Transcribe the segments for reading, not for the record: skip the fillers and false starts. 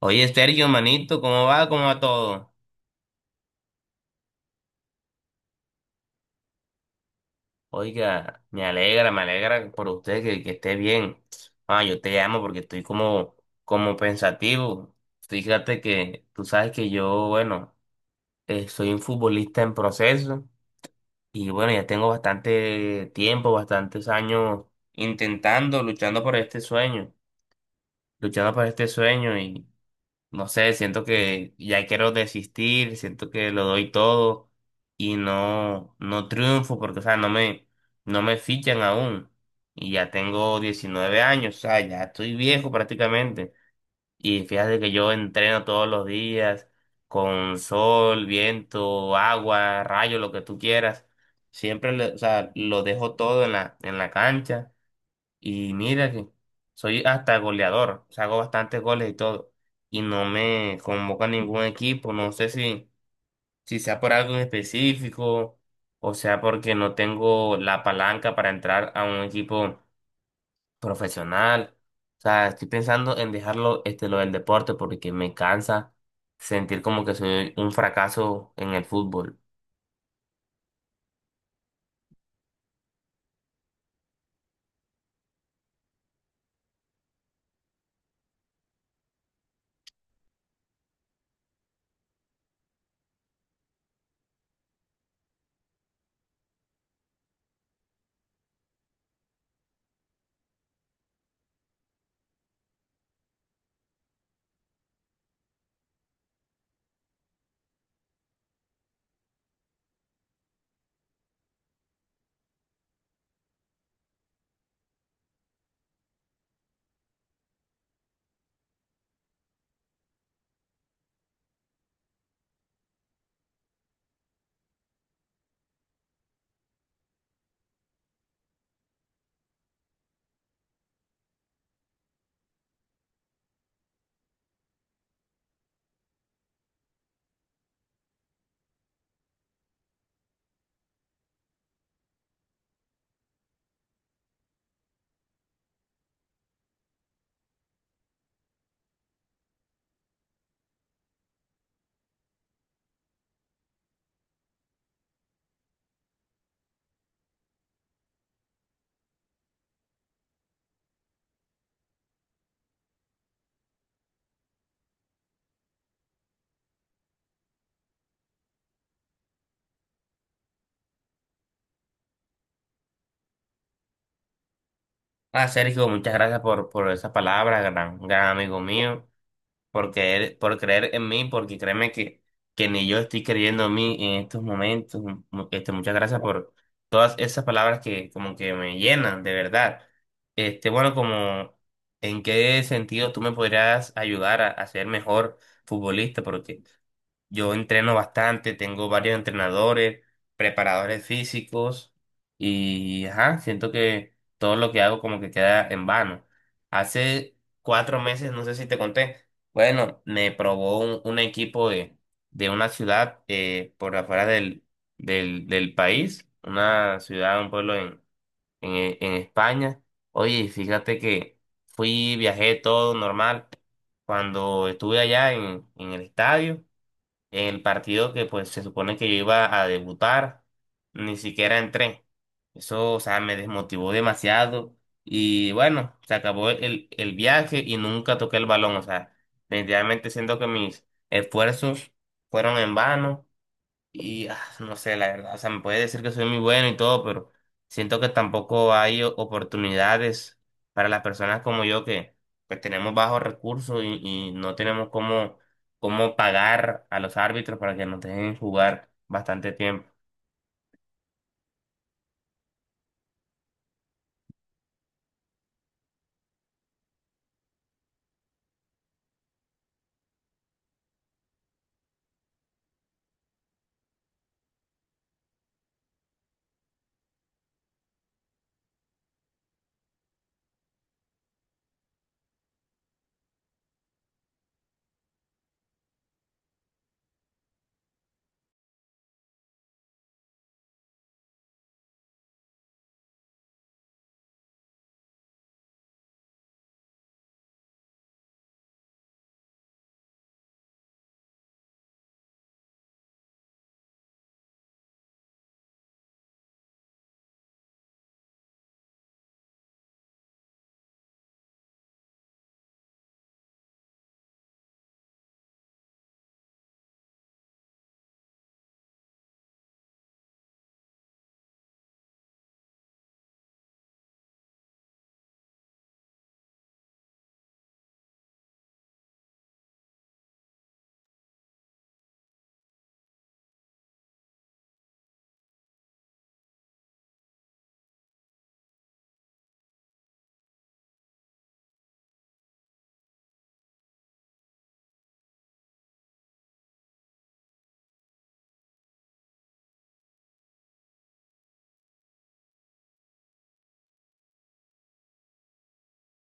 Oye, Sergio, manito, ¿cómo va? ¿Cómo va todo? Oiga, me alegra por usted que esté bien. Ah, yo te llamo porque estoy como pensativo. Fíjate que tú sabes que yo, bueno, soy un futbolista en proceso y bueno, ya tengo bastante tiempo, bastantes años intentando, luchando por este sueño, luchando por este sueño y no sé, siento que ya quiero desistir, siento que lo doy todo y no triunfo porque, o sea, no me fichan aún. Y ya tengo 19 años, o sea, ya estoy viejo prácticamente. Y fíjate que yo entreno todos los días con sol, viento, agua, rayo, lo que tú quieras. O sea, lo dejo todo en en la cancha y mira que soy hasta goleador, o sea, hago bastantes goles y todo. Y no me convoca a ningún equipo, no sé si sea por algo en específico o sea porque no tengo la palanca para entrar a un equipo profesional. O sea, estoy pensando en dejarlo este, lo del deporte porque me cansa sentir como que soy un fracaso en el fútbol. Ah, Sergio, muchas gracias por esa palabra, gran amigo mío. Por creer, por creer en mí, porque que ni yo estoy creyendo en mí en estos momentos. Muchas gracias por todas esas palabras que como que me llenan, de verdad. Este, bueno, como en qué sentido tú me podrías ayudar a ser mejor futbolista, porque yo entreno bastante, tengo varios entrenadores, preparadores físicos y ajá, siento que todo lo que hago como que queda en vano. Hace 4 meses, no sé si te conté. Bueno, me probó un equipo de una ciudad por afuera del país, una ciudad, un pueblo en España. Oye, fíjate que fui, viajé todo normal. Cuando estuve allá en el estadio, en el partido que pues se supone que yo iba a debutar, ni siquiera entré. Eso, o sea, me desmotivó demasiado. Y bueno, se acabó el viaje y nunca toqué el balón. O sea, definitivamente siento que mis esfuerzos fueron en vano. Y ah, no sé, la verdad, o sea, me puede decir que soy muy bueno y todo, pero siento que tampoco hay oportunidades para las personas como yo que pues tenemos bajos recursos y no tenemos cómo, cómo pagar a los árbitros para que nos dejen jugar bastante tiempo.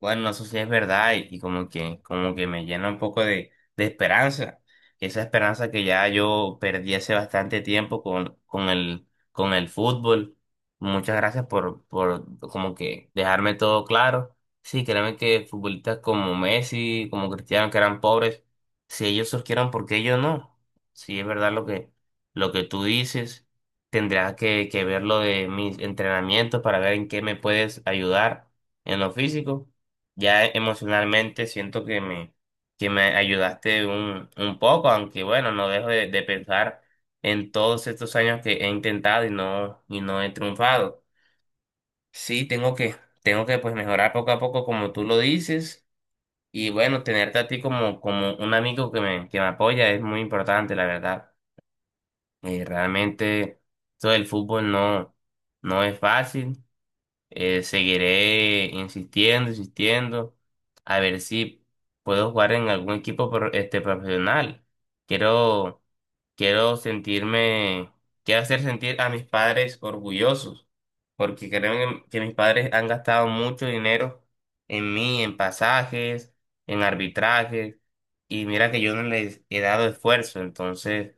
Bueno, eso sí es verdad y como que me llena un poco de esperanza. Esa esperanza que ya yo perdí hace bastante tiempo con, con el fútbol. Muchas gracias por como que dejarme todo claro. Sí, créeme que futbolistas como Messi, como Cristiano, que eran pobres, si ellos surgieron, ¿por qué yo no? Sí, es verdad lo que tú dices. Tendrás que ver lo de mis entrenamientos para ver en qué me puedes ayudar en lo físico. Ya emocionalmente siento que me ayudaste un poco, aunque bueno, no dejo de pensar en todos estos años que he intentado y y no he triunfado. Sí, tengo que pues mejorar poco a poco como tú lo dices y bueno, tenerte a ti como, como un amigo que me apoya es muy importante, la verdad. Realmente todo el fútbol no es fácil, seguiré insistiendo, insistiendo, a ver si puedo jugar en algún equipo este, profesional. Quiero Quiero sentirme, quiero hacer sentir a mis padres orgullosos, porque creo que mis padres han gastado mucho dinero en mí, en pasajes, en arbitrajes, y mira que yo no les he dado esfuerzo, entonces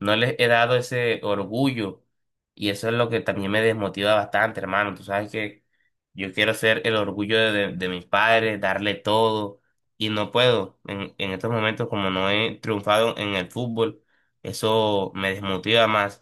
no les he dado ese orgullo, y eso es lo que también me desmotiva bastante, hermano. Tú sabes que yo quiero ser el orgullo de mis padres, darle todo, y no puedo en estos momentos como no he triunfado en el fútbol, eso me desmotiva más.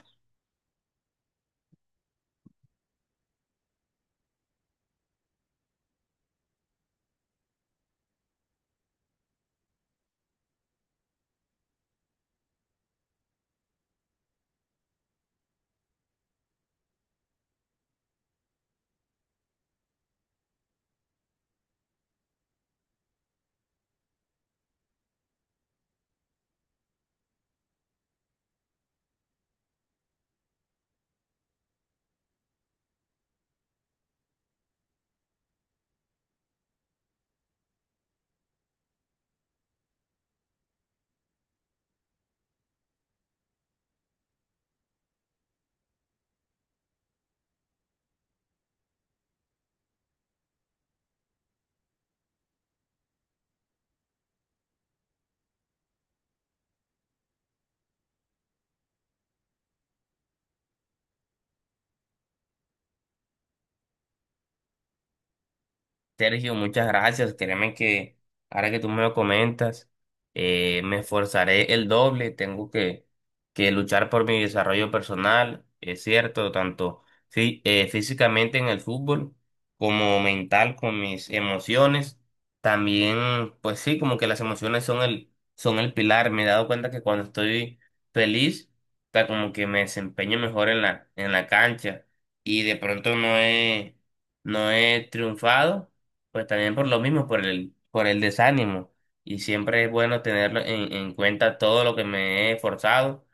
Sergio, muchas gracias. Créeme que ahora que tú me lo comentas, me esforzaré el doble. Que luchar por mi desarrollo personal, es cierto, tanto físicamente en el fútbol como mental con mis emociones. También, pues sí, como que las emociones son son el pilar. Me he dado cuenta que cuando estoy feliz, está como que me desempeño mejor en en la cancha y de pronto no he triunfado pues también por lo mismo, por el desánimo. Y siempre es bueno tenerlo en cuenta todo lo que me he esforzado.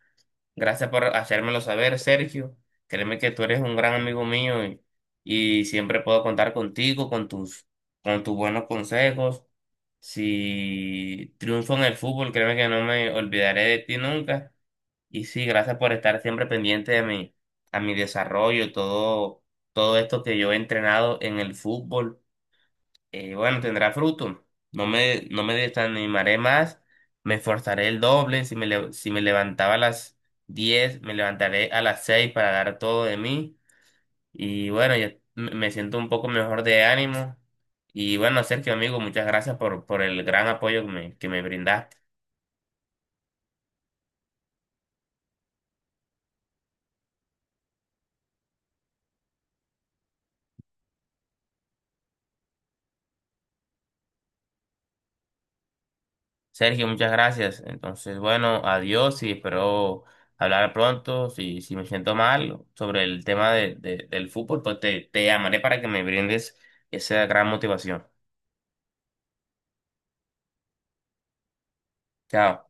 Gracias por hacérmelo saber, Sergio. Créeme que tú eres un gran amigo mío y siempre puedo contar contigo, con tus buenos consejos. Si triunfo en el fútbol, créeme que no me olvidaré de ti nunca. Y sí, gracias por estar siempre pendiente de mi, a mi desarrollo, todo esto que yo he entrenado en el fútbol, bueno, tendrá fruto. No me desanimaré más, me esforzaré el doble. Si me levantaba a las 10, me levantaré a las 6 para dar todo de mí. Y bueno, ya me siento un poco mejor de ánimo. Y bueno, Sergio, amigo, muchas gracias por el gran apoyo que me brindaste. Sergio, muchas gracias. Entonces, bueno, adiós y espero hablar pronto. Si, si me siento mal sobre el tema del fútbol, pues te llamaré para que me brindes esa gran motivación. Chao.